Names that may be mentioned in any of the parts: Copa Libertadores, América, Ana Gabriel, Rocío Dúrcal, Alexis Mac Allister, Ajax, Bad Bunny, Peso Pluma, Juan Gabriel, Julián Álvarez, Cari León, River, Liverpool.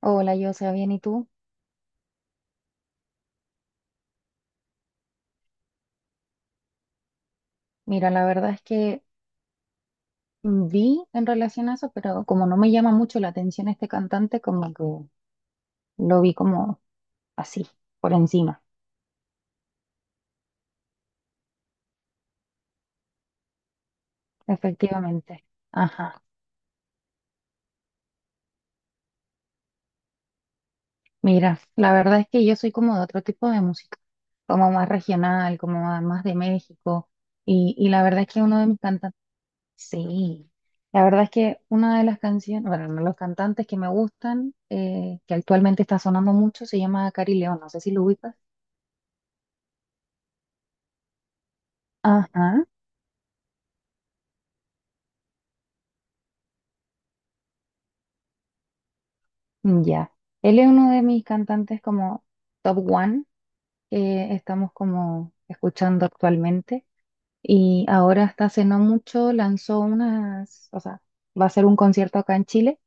Hola, yo sea bien, ¿y tú? Mira, la verdad es que vi en relación a eso, pero como no me llama mucho la atención este cantante, como que lo vi como así, por encima, efectivamente. Ajá. Mira, la verdad es que yo soy como de otro tipo de música, como más regional, como más de México, y la verdad es que uno de mis cantantes, sí, la verdad es que una de las canciones, bueno, uno de los cantantes que me gustan, que actualmente está sonando mucho, se llama Cari León, no sé si lo ubicas. Ajá, ya. Él es uno de mis cantantes como top one que estamos como escuchando actualmente. Y ahora hasta hace no mucho lanzó unas, o sea, va a hacer un concierto acá en Chile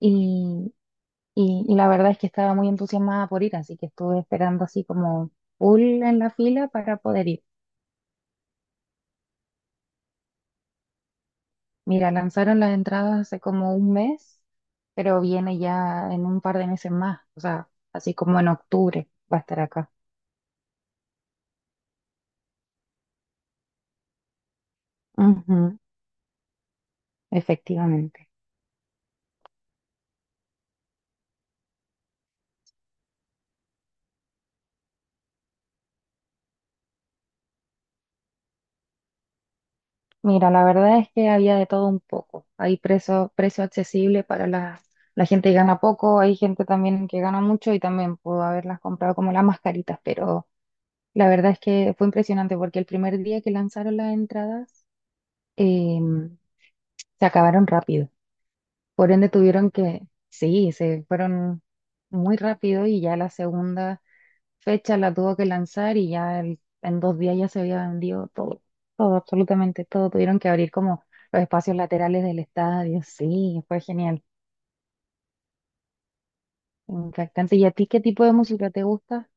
y, y la verdad es que estaba muy entusiasmada por ir, así que estuve esperando así como full en la fila para poder ir. Mira, lanzaron las entradas hace como un mes, pero viene ya en un par de meses más, o sea, así como en octubre va a estar acá. Ujú. Efectivamente. Mira, la verdad es que había de todo un poco. Hay precio accesible para la gente que gana poco, hay gente también que gana mucho y también pudo haberlas comprado como las mascaritas, pero la verdad es que fue impresionante porque el primer día que lanzaron las entradas eh, se acabaron rápido. Por ende tuvieron que, sí, se fueron muy rápido y ya la segunda fecha la tuvo que lanzar y ya en dos días ya se había vendido todo, todo, absolutamente todo. Tuvieron que abrir como los espacios laterales del estadio. Sí, fue genial, impactante. ¿Y a ti qué tipo de música te gusta?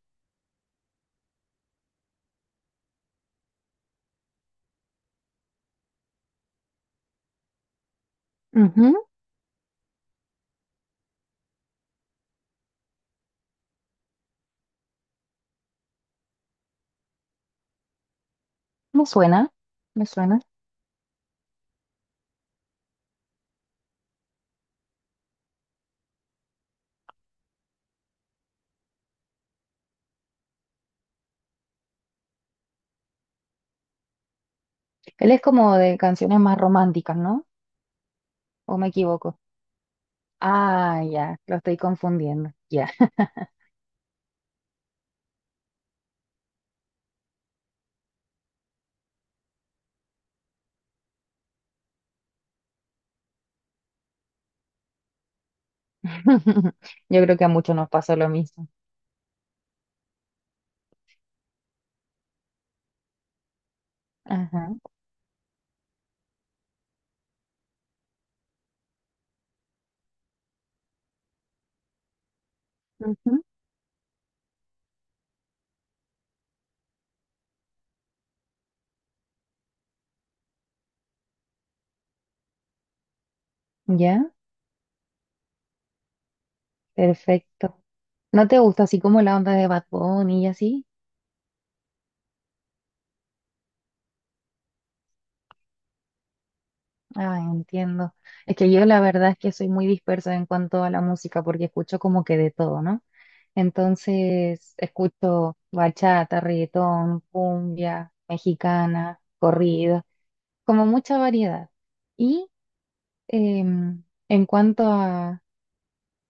Ujú. Me suena, me suena. Él es como de canciones más románticas, ¿no? ¿O me equivoco? Ah, ya, lo estoy confundiendo. Ya. Yo creo que a muchos nos pasó lo mismo. Ajá. Ujú. ¿Ya? Perfecto. ¿No te gusta así como la onda de Bad Bunny y así? Ah, entiendo. Es que yo la verdad es que soy muy dispersa en cuanto a la música porque escucho como que de todo, ¿no? Entonces, escucho bachata, reggaetón, cumbia, mexicana, corrido, como mucha variedad. Y em, en cuanto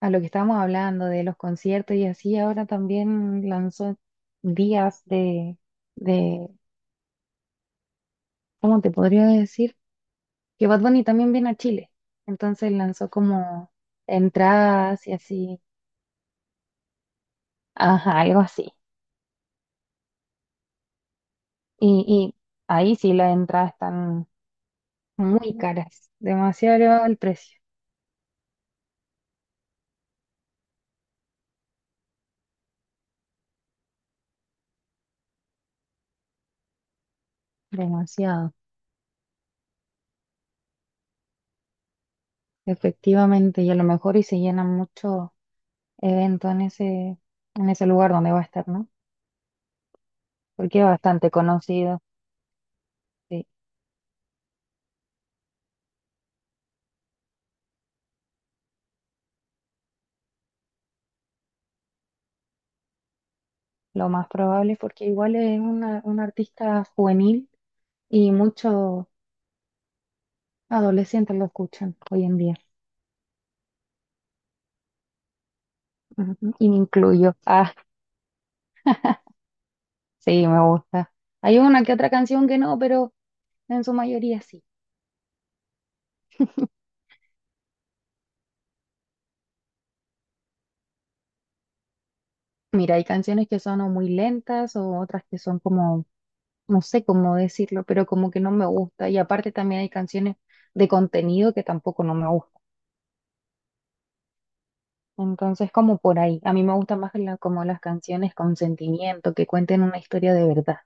a lo que estábamos hablando de los conciertos y así, ahora también lanzó días de, ¿cómo te podría decir? Que Bad Bunny también viene a Chile. Entonces lanzó como entradas y así, ajá, algo así. Y ahí sí las entradas están muy caras, demasiado elevado el precio, demasiado, efectivamente. Y a lo mejor y se llenan mucho evento en ese lugar donde va a estar, ¿no? Porque es bastante conocido, sí. Lo más probable es porque igual es una, un artista juvenil y muchos adolescentes lo escuchan hoy en día. Ujú. Y me incluyo. Sí, me gusta. Hay una que otra canción que no, pero en su mayoría sí. Mira, hay canciones que son o muy lentas o otras que son como, no sé cómo decirlo, pero como que no me gusta. Y aparte también hay canciones de contenido que tampoco no me gustan. Entonces, como por ahí. A mí me gustan más como las canciones con sentimiento, que cuenten una historia de verdad.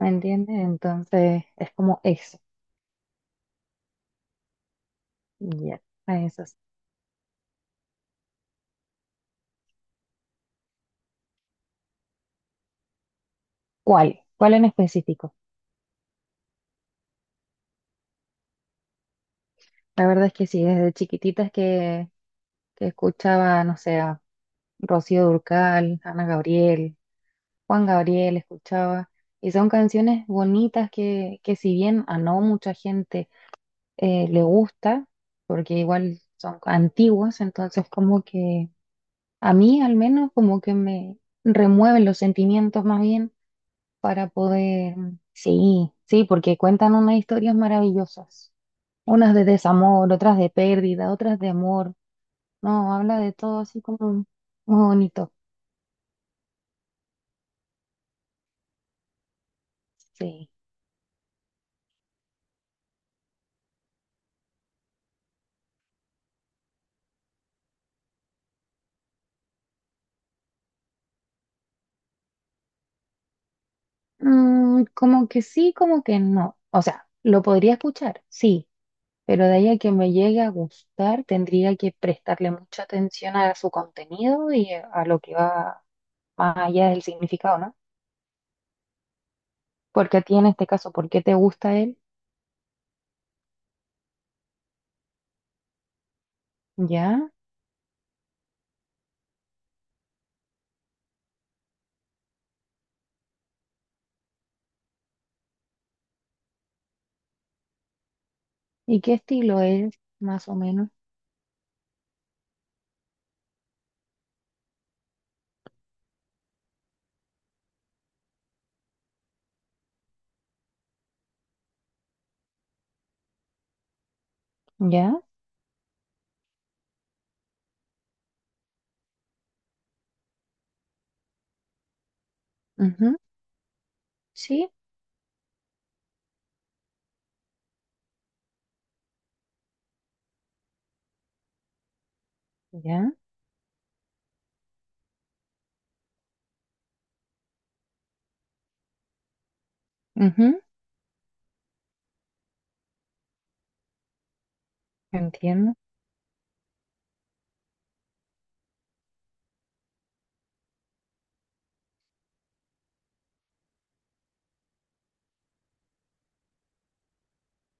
¿Me entiendes? Entonces, es como eso. Ya, a esas. ¿Cuál? ¿Cuál en específico? La verdad es que sí, desde chiquititas que escuchaba, no sé, Rocío Dúrcal, Ana Gabriel, Juan Gabriel escuchaba, y son canciones bonitas que si bien a no mucha gente le gusta, porque igual son antiguas, entonces como que a mí al menos como que me remueven los sentimientos más bien para poder, sí, sí, porque cuentan unas historias maravillosas, unas de desamor, otras de pérdida, otras de amor, no, habla de todo así como muy bonito, sí. Mm, como que sí, como que no. O sea, lo podría escuchar, sí, pero de ahí a que me llegue a gustar, tendría que prestarle mucha atención a su contenido y a lo que va más allá del significado, ¿no? Porque a ti en este caso, ¿por qué te gusta él? ¿Ya? ¿Y qué estilo es, más o menos? ¿Ya? Ujú. Sí, ya. Ujú. Entiendo.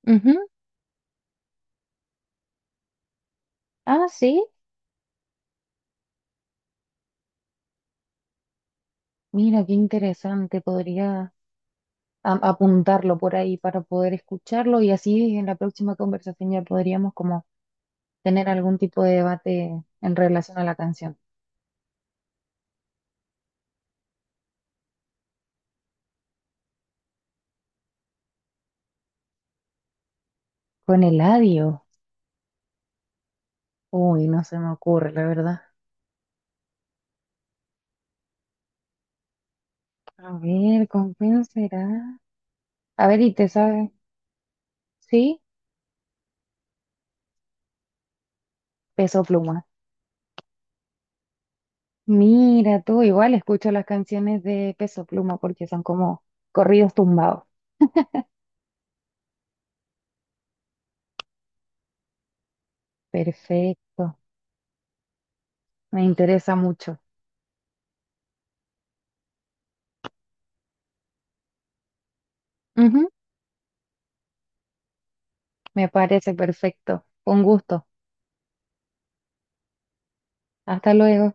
Ujú. Ah, sí. Mira, qué interesante. Podría... apuntarlo por ahí para poder escucharlo y así en la próxima conversación ya podríamos como tener algún tipo de debate en relación a la canción. Con el adiós. Uy, no se me ocurre, la verdad. A ver, ¿con quién será? A ver, ¿y te sabes? ¿Sí? Peso Pluma. Mira tú, igual escucho las canciones de Peso Pluma porque son como corridos tumbados. Perfecto, me interesa mucho. Ujú. Me parece perfecto. Con gusto. Hasta luego.